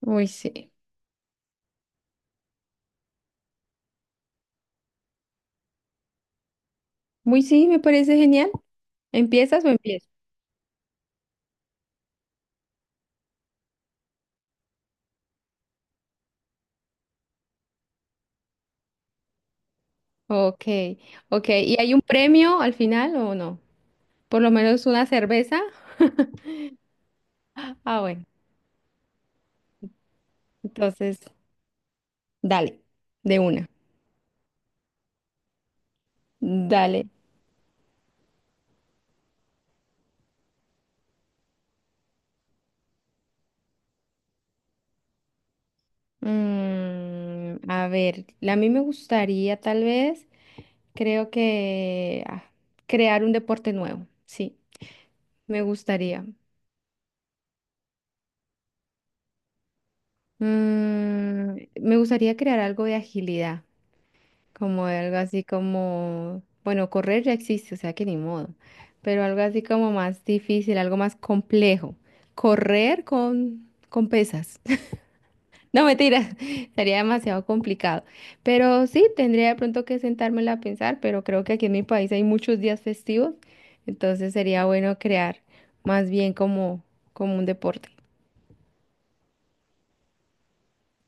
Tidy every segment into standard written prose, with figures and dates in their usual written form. Uy, sí. Muy sí, me parece genial. ¿Empiezas o empiezo? Ok, ok. ¿Y hay un premio al final o no? Por lo menos una cerveza. Ah, bueno. Entonces, dale, de una. Dale. A ver, a mí me gustaría tal vez, creo que crear un deporte nuevo. Sí, me gustaría. Me gustaría crear algo de agilidad. Como algo así como, bueno, correr ya existe, o sea que ni modo, pero algo así como más difícil, algo más complejo. Correr con pesas. No, mentira, sería demasiado complicado. Pero sí, tendría de pronto que sentármela a pensar, pero creo que aquí en mi país hay muchos días festivos, entonces sería bueno crear más bien como, como un deporte.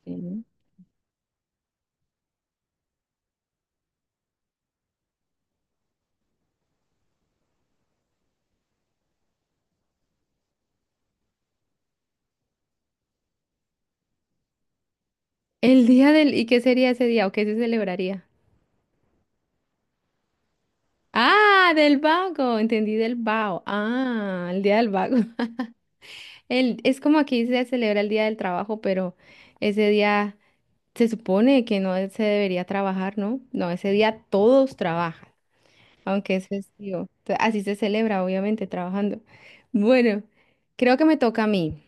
Sí. El día del, ¿y qué sería ese día o qué se celebraría? Ah, del vago, entendí del vago. Ah, el día del vago. El, es como aquí se celebra el día del trabajo, pero ese día se supone que no se debería trabajar, ¿no? No, ese día todos trabajan, aunque es festivo. Así se celebra, obviamente, trabajando. Bueno, creo que me toca a mí.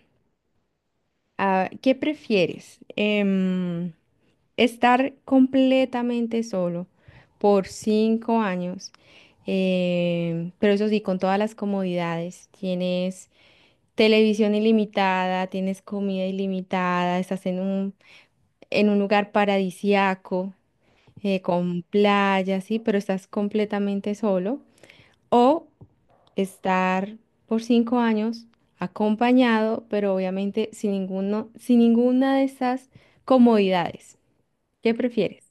Ah, ¿qué prefieres? Estar completamente solo por 5 años, pero eso sí, con todas las comodidades. Tienes televisión ilimitada, tienes comida ilimitada, estás en un lugar paradisiaco, con playa, sí, pero estás completamente solo. O estar por 5 años acompañado, pero obviamente sin ninguno, sin ninguna de estas comodidades. ¿Qué prefieres?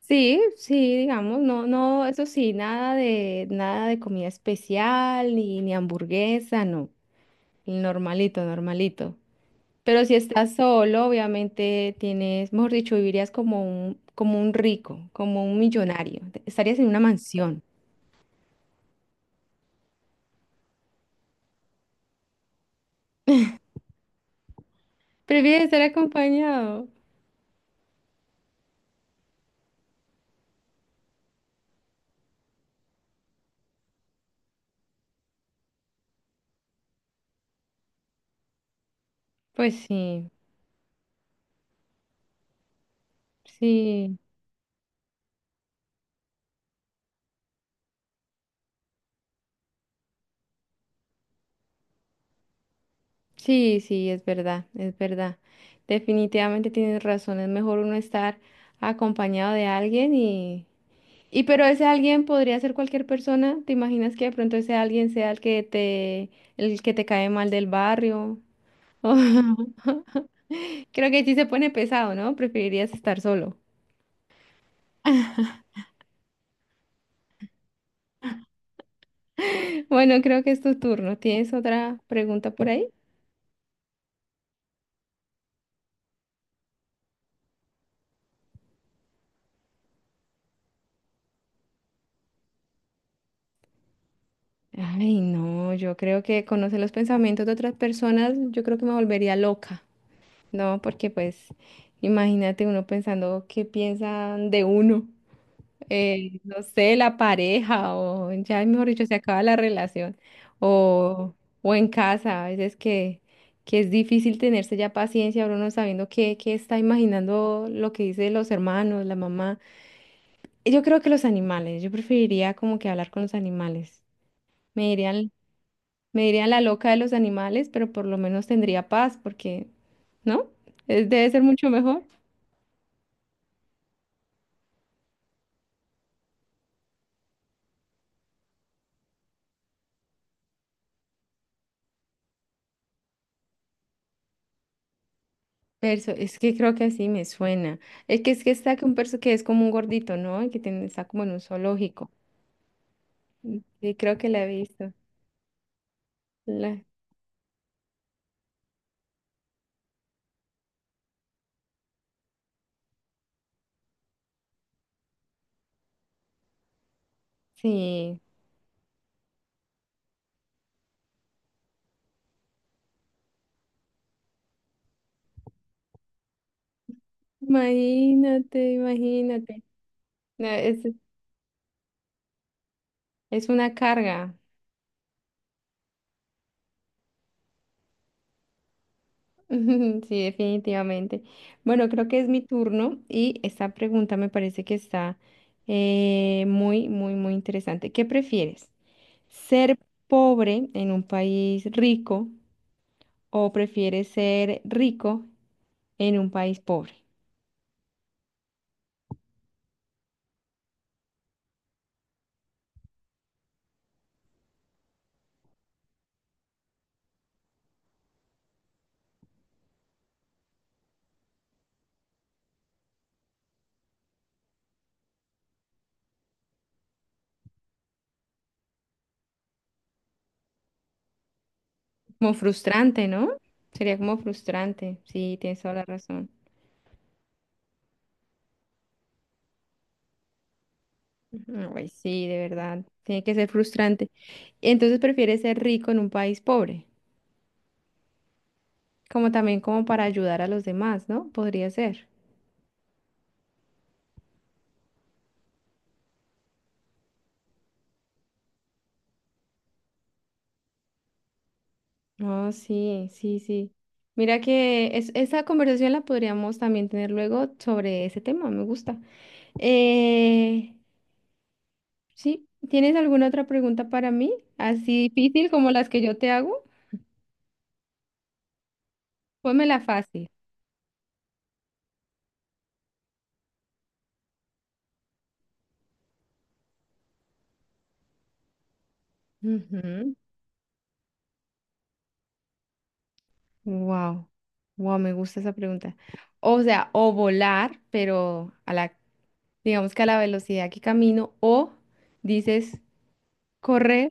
Sí, sí, digamos, no, no, eso sí, nada de, nada de comida especial, ni, ni hamburguesa, no. Normalito, normalito. Pero si estás solo, obviamente tienes, mejor dicho, vivirías como un rico, como un millonario. Estarías en una mansión. Prefieres estar acompañado. Pues sí, sí, sí, sí, es verdad, es verdad. Definitivamente tienes razón. Es mejor uno estar acompañado de alguien. Y pero ese alguien podría ser cualquier persona. ¿Te imaginas que de pronto ese alguien sea el que te cae mal del barrio? Creo que sí se pone pesado, ¿no? Preferirías estar solo. Bueno, creo que es tu turno. ¿Tienes otra pregunta por ahí? Ay, no, yo creo que conocer los pensamientos de otras personas, yo creo que me volvería loca, ¿no? Porque pues imagínate uno pensando qué piensan de uno. No sé, la pareja o ya, mejor dicho, se acaba la relación o, o en casa, a veces que es difícil tenerse ya paciencia, uno no sabiendo qué está imaginando lo que dicen los hermanos, la mamá. Yo creo que los animales, yo preferiría como que hablar con los animales. Me dirían, me dirían la loca de los animales, pero por lo menos tendría paz porque, ¿no? Debe ser mucho mejor. Perso, es que creo que así me suena. Es que está que un perso que es como un gordito, ¿no? Y que tiene, está como en un zoológico. Sí, creo que la he visto. La, sí. Imagínate, imagínate. No, es una carga. Sí, definitivamente. Bueno, creo que es mi turno y esta pregunta me parece que está muy, muy, muy interesante. ¿Qué prefieres? ¿Ser pobre en un país rico o prefieres ser rico en un país pobre? Como frustrante, ¿no? Sería como frustrante. Sí, tienes toda la razón. Ujú. Ay, sí, de verdad. Tiene que ser frustrante. Entonces prefieres ser rico en un país pobre, como también como para ayudar a los demás, ¿no? Podría ser. Oh, sí, sí, sí. Mira que esa conversación la podríamos también tener luego sobre ese tema, me gusta. Eh, Sí, ¿tienes alguna otra pregunta para mí? Así difícil como las que yo te hago. Pónmela fácil. Ujú. Wow. Wow, me gusta esa pregunta. O sea, o volar, pero a la, digamos que a la velocidad que camino, o dices correr.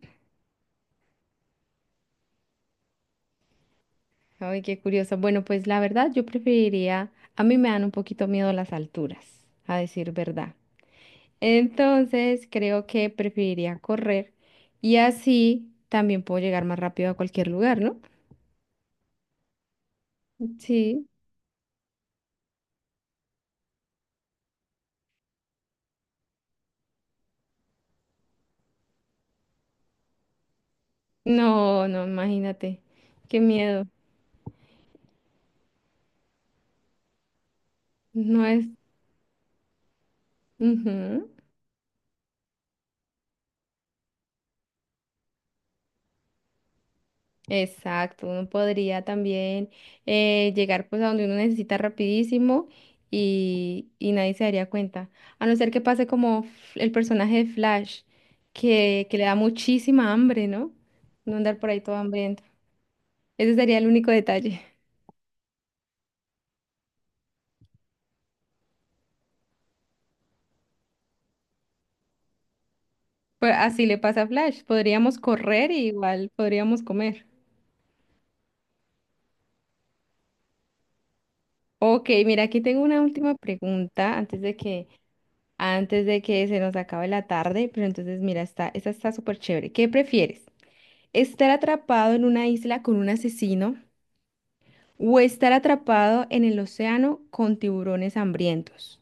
Ay, qué curioso. Bueno, pues la verdad, yo preferiría, a mí me dan un poquito miedo las alturas, a decir verdad. Entonces, creo que preferiría correr y así también puedo llegar más rápido a cualquier lugar, ¿no? Sí, no, no, imagínate, qué miedo. No es, ujú. Exacto, uno podría también llegar pues a donde uno necesita rapidísimo y nadie se daría cuenta, a no ser que pase como el personaje de Flash, que le da muchísima hambre, ¿no? No andar por ahí todo hambriento. Ese sería el único detalle. Pues así le pasa a Flash, podríamos correr y igual podríamos comer. Ok, mira, aquí tengo una última pregunta antes de que se nos acabe la tarde, pero entonces mira, está, esta está súper chévere. ¿Qué prefieres? ¿Estar atrapado en una isla con un asesino o estar atrapado en el océano con tiburones hambrientos?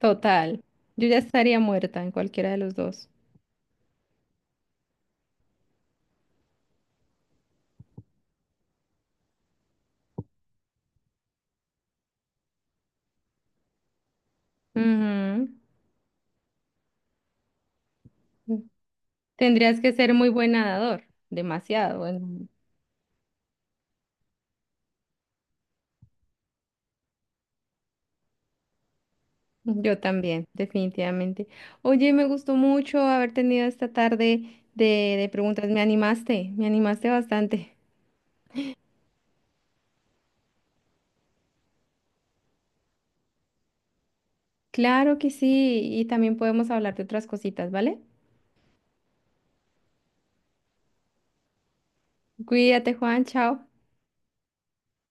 Total, yo ya estaría muerta en cualquiera de los dos. Ujú. Tendrías que ser muy buen nadador, demasiado. Bueno, yo también, definitivamente. Oye, me gustó mucho haber tenido esta tarde de preguntas, me animaste bastante. Claro que sí, y también podemos hablar de otras cositas, ¿vale? Cuídate, Juan, chao.